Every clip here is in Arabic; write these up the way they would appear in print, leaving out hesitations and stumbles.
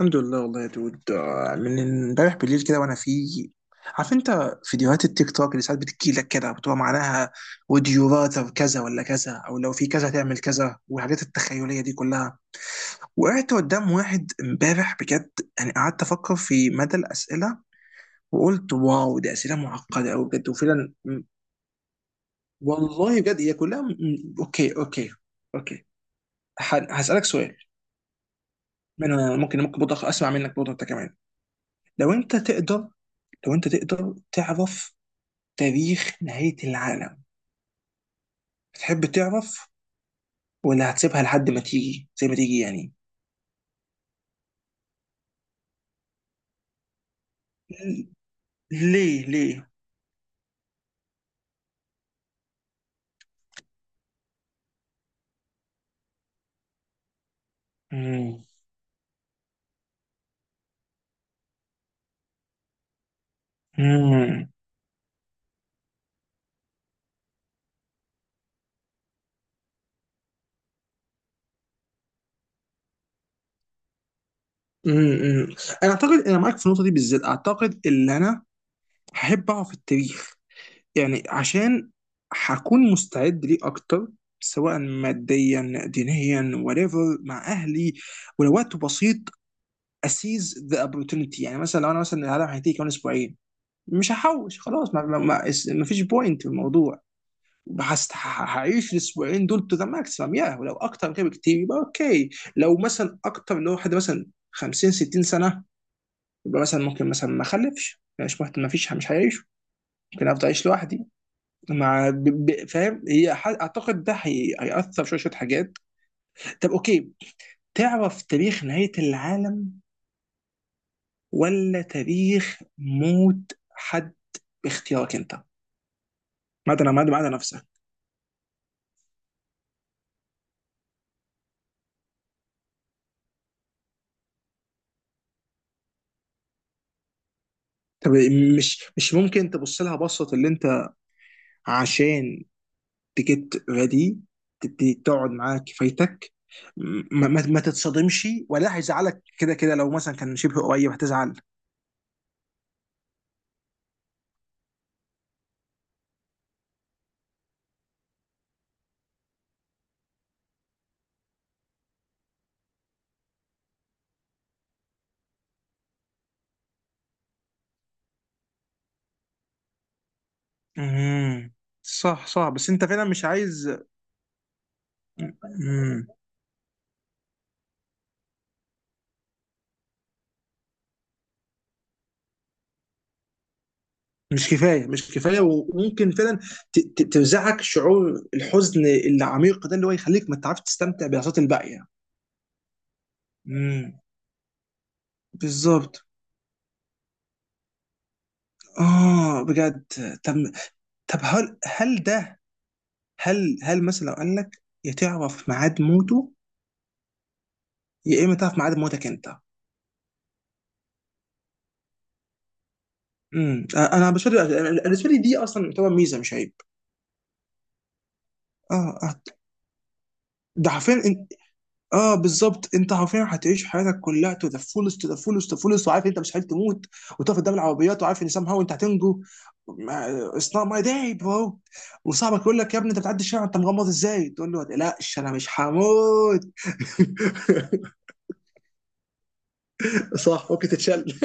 الحمد لله والله يا دود آه، من امبارح بالليل كده وانا في. عارف انت فيديوهات التيك توك اللي ساعات بتجي لك كده بتبقى معناها would you rather كذا ولا كذا او لو في كذا تعمل كذا والحاجات التخيليه دي كلها. وقعدت قدام واحد امبارح بجد، يعني قعدت افكر في مدى الاسئله، وقلت واو، دي اسئله معقده قوي بجد. وفعلا والله بجد هي كلها اوكي اوكي اوكي، هسالك سؤال. من ممكن، برضه اسمع منك برضه انت كمان. لو انت تقدر، لو انت تقدر تعرف تاريخ نهاية العالم، تحب تعرف؟ ولا هتسيبها لحد ما تيجي زي ما تيجي يعني؟ ليه ليه؟ مم. مم. مم. انا اعتقد انا معاك في النقطة دي بالذات. اعتقد ان انا هحب اعرف التاريخ، يعني عشان هكون مستعد ليه اكتر، سواء ماديا دينيا whatever، مع اهلي. ولو وقت بسيط اسيز ذا opportunity. يعني مثلا لو انا مثلا العالم هينتهي كمان اسبوعين، مش هحوش خلاص، ما فيش بوينت في الموضوع. بحس ه- هعيش الاسبوعين دول تو ذا ماكسيمم، يا ولو اكتر من كده بكتير يبقى اوكي. لو مثلا اكتر، اللي هو حد مثلا 50 60 سنه، يبقى مثلا ممكن مثلا ما اخلفش، مش مهتم، ما فيش، مش هيعيش. ممكن افضل اعيش لوحدي مع فاهم؟ اعتقد ده هيأثر شويه شويه حاجات. طب اوكي، تعرف تاريخ نهايه العالم ولا تاريخ موت حد؟ باختيارك انت. ما عدا نفسك. طب مش ممكن تبص لها بصة اللي انت، عشان تجيت ريدي، تقعد معاه كفايتك؟ ما تتصدمش. ولا هيزعلك كده كده لو مثلا كان شبه قريب هتزعل. امم. صح صح، بس انت فعلا مش عايز. مم. مش كفايه. وممكن فعلا ترزعك شعور الحزن العميق ده اللي هو يخليك ما تعرفش تستمتع بلحظات الباقيه. امم، بالظبط. اه بجد. طب، طب هل هل ده هل مثلا لو قال لك، يا تعرف ميعاد موته، يا اما تعرف ميعاد موتك انت؟ امم. انا بالنسبه لي أنا بالنسبه لي دي اصلا تعتبر ميزه، مش عيب. اه آه. ده حرفيا انت، اه بالظبط، انت حرفيا هتعيش حياتك كلها تو ذا فولست تو ذا فولست تو ذا فولست وعارف انت مش هتموت. وتقف قدام العربيات وعارف ان سام هاو انت هتنجو. اتس نوت ماي داي برو. وصاحبك يقول لك يا ابني انت بتعدي الشارع انت مغمض ازاي؟ تقول له ما تقلقش انا مش هموت. صح، ممكن تتشل.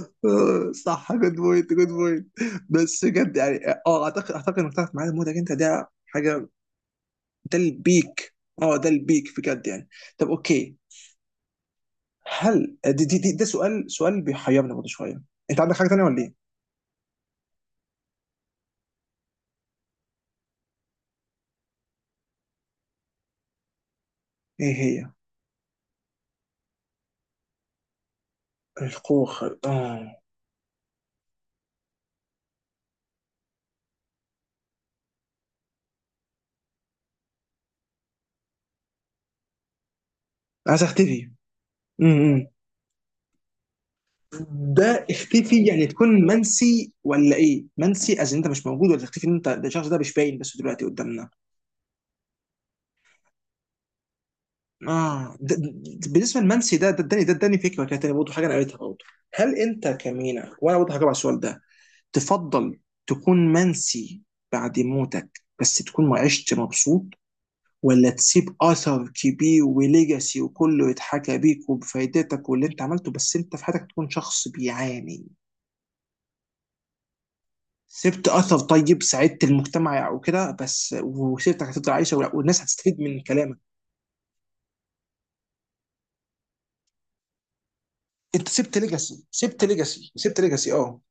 آه، صح، جود بوينت جود بويت. بس بجد يعني، اه اعتقد انك تعرف معايا، مودك انت ده حاجه، ده البيك. اه ده البيك بجد يعني. طب اوكي، هل آه، دي دي, دي ده سؤال بيحيرني برضه شويه. انت عندك حاجه تانيه ولا ايه؟ ايه هي؟ القوه الخارقة. اه، عايز اختفي. امم. ده اختفي يعني تكون منسي ولا ايه؟ منسي از انت مش موجود، ولا تختفي ان انت ده الشخص ده مش باين بس دلوقتي قدامنا؟ اه بالنسبه لمنسي، ده اداني، ده اداني فكره كانت برضه حاجه انا قريتها برضه. هل انت كمينا، وانا برضه هجاوب على السؤال ده؟ تفضل تكون منسي بعد موتك، بس تكون ما عشت مبسوط، ولا تسيب اثر كبير وليجاسي وكله يتحكى بيك وبفايدتك واللي انت عملته، بس انت في حياتك تكون شخص بيعاني؟ سبت اثر طيب، ساعدت المجتمع وكده، بس وسيرتك هتفضل عايشه والناس هتستفيد من كلامك. انت سبت ليجاسي سبت ليجاسي سبت ليجاسي، اه.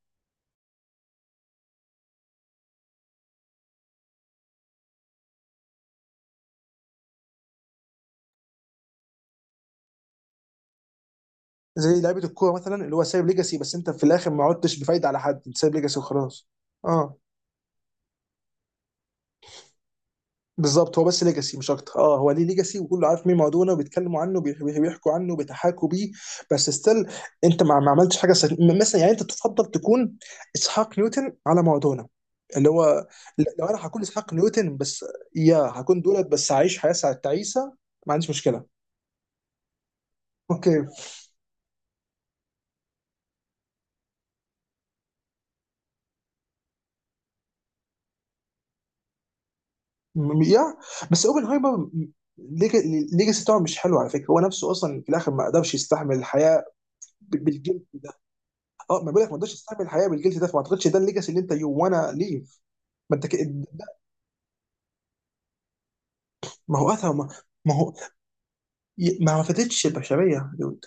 زي لعيبه الكوره مثلا اللي هو سايب ليجاسي، بس انت في الاخر ما عدتش بفايده على حد. انت سايب ليجاسي وخلاص. اه بالظبط، هو بس ليجاسي مش اكتر. اه هو ليه ليجاسي وكله عارف مين مارادونا وبيتكلموا عنه بيحكوا عنه، بيتحاكوا بيه. بس ستيل انت ما عملتش حاجه مثلا. يعني انت تفضل تكون اسحاق نيوتن على مارادونا؟ اللي هو لو انا هكون اسحاق نيوتن بس، يا هكون دولت بس هعيش حياه ساعه تعيسه، ما عنديش مشكله. اوكي يا، بس اوبنهايمر الليجاسي بتاعه مش حلو على فكره. هو نفسه اصلا في الاخر ما قدرش يستحمل الحياه بالجلد ده. اه ما بقول لك، ما قدرش يستحمل الحياه بالجلد ده، فما اعتقدش ده الليجاسي اللي انت يو وانا ليف. ما انت ك... ده- ما هو اثر، ما هو ما فاتتش البشريه يا دود.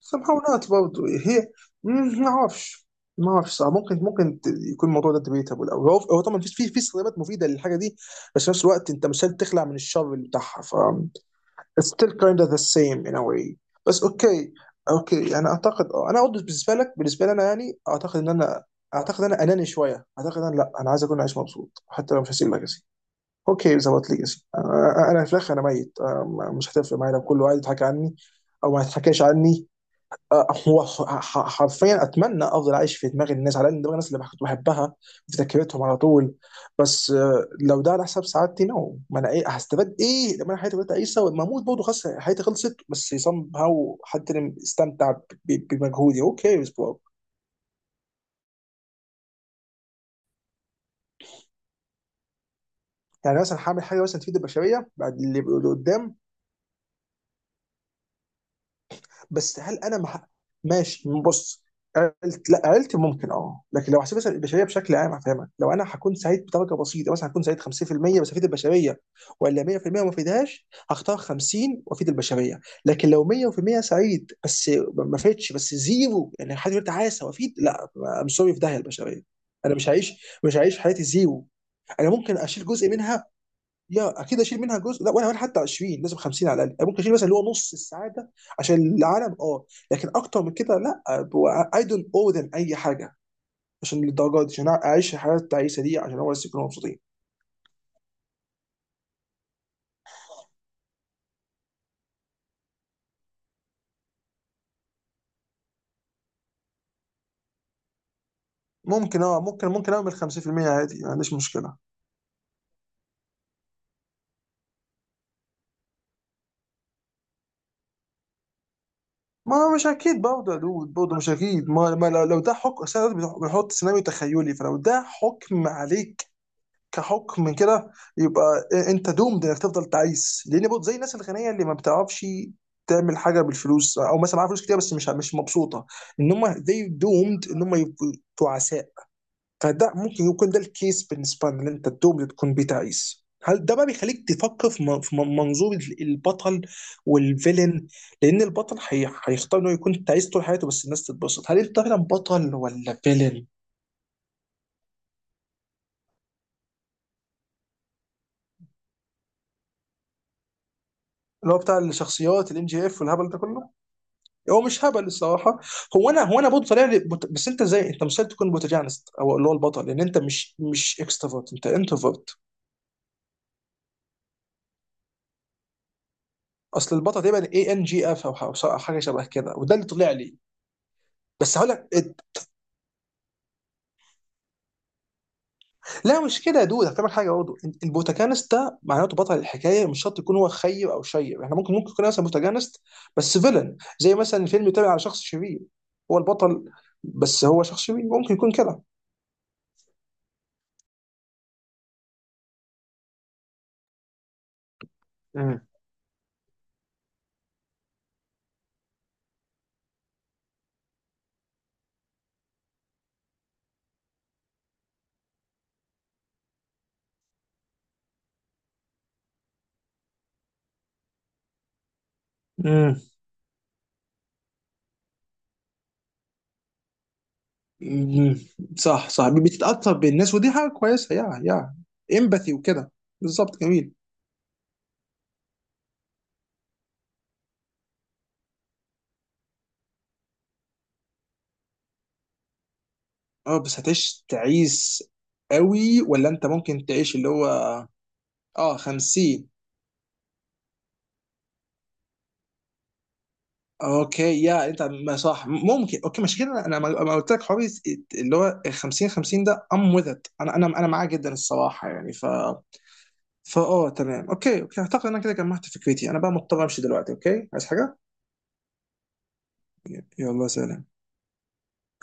somehow not برضه هي. مم، ما اعرفش. ما اعرفش، صح، ممكن يكون الموضوع ده debatable. او هو هو طبعا في في سلبيات مفيده للحاجه دي، بس في نفس الوقت انت مش قادر تخلع من الشر اللي بتاعها. It's still kind of the same in a way. بس اوكي، اوكي يعني اعتقد، اه انا برضه بالنسبه لك، بالنسبه لي انا يعني اعتقد ان انا، اعتقد ان انا اناني شويه. اعتقد ان لا، انا عايز اكون عايش مبسوط حتى لو مش هسيب ليجاسي. اوكي ظبط ليجاسي، أنا في الاخر انا ميت، أنا مش هتفرق معايا لو كله قاعد يضحك عني او ما يضحكش عني. آه، حرفيا اتمنى افضل عايش في دماغ الناس، على الاقل دماغ الناس اللي كنت بحبها، في ذاكرتهم على طول. بس آه، لو ده على حساب سعادتي، نو. ما انا ايه هستفاد ايه لما انا حياتي بدات اعيشها، ولما اموت برضه خلاص حياتي خلصت، بس سام هاو حد اللي استمتع بمجهودي؟ اوكي بس يعني مثلا هعمل حاجه مثلا تفيد البشريه بعد اللي قدام. بس هل انا ماشي، بص، لا عيلتي ممكن اه، لكن لو هسيب البشريه بشكل عام هفهمك. لو انا هكون سعيد بدرجه بسيطه مثلا، هكون سعيد 50% بس افيد البشريه، ولا 100% وما افيدهاش، هختار 50 وافيد البشريه. لكن لو 100% سعيد بس ما افيدش، بس زيرو يعني حد يقول تعاسه وافيد، لا. ام سوري، في داهيه البشريه. انا مش هعيش، مش هعيش حياتي زيرو. انا ممكن اشيل جزء منها، يا اكيد اشيل منها جزء، لا ولا ولا حتى 20، لازم 50 على الاقل، ممكن اشيل مثلا اللي هو نص السعاده عشان العالم اه. لكن اكتر من كده لا، اي دونت او ذم اي حاجه. عشان الدرجات دي عشان اعيش الحياه التعيسه دي عشان هو بس يكونوا مبسوطين. ممكن اه ممكن، ممكن اعمل 50% عادي، ما عنديش مشكله. ما مش اكيد برضه يا دود، برضه مش اكيد. ما, ما لو ده حكم، أصل أنا بنحط سيناريو تخيلي، فلو ده حكم عليك كحكم كده، يبقى انت دومد انك تفضل تعيس. لان برضه زي الناس الغنيه اللي ما بتعرفش تعمل حاجه بالفلوس او مثلا معاها فلوس كتير بس مش مش مبسوطه، ان هم زي دومد ان هم يبقوا تعساء. فده ممكن يكون ده الكيس بالنسبه لنا، ان انت دومد تكون بتعيس. هل ده بقى بيخليك تفكر في منظور البطل والفيلن؟ لان البطل هيختار انه يكون تعيس طول حياته بس الناس تتبسط. هل انت فعلا بطل ولا فيلن؟ اللي هو بتاع الشخصيات الام جي اف والهبل ده كله. هو مش هبل الصراحه. هو انا برضه طالع لي بس انت زي، انت مستحيل تكون بروتاجانست او اللي هو البطل، لان انت مش اكستروفرت، انت انتروفرت. اصل البطل تقريبا اي ان جي اف او ح- أو حاجه شبه كده، وده اللي طلع لي. بس هقول لك لا مش كده يا دود، هفهمك حاجه برضه. البروتاجانست ده معناته بطل الحكايه، مش شرط يكون هو خير او شير. احنا ممكن، ممكن يكون مثلا بروتاجانست بس فيلن، زي مثلا فيلم يتابع على شخص شرير، هو البطل بس هو شخص شرير، ممكن يكون كده. مم. مم. صح صح، بتتأثر بالناس ودي حاجة كويسة، يا يا امباثي وكده. بالظبط جميل. اه بس هتعيش تعيس قوي؟ ولا انت ممكن تعيش اللي هو اه 50. اوكي، يا انت، ما صح، ممكن اوكي، مش كده، انا ما قلت لك حوار اللي هو 50 50 ده ام وذ ات، انا انا معاه جدا الصراحة يعني. ف فا اه، تمام اوكي اوكي، اعتقد ان انا كده جمعت فكرتي. انا بقى مضطر امشي دلوقتي. اوكي عايز حاجة؟ يلا سلام.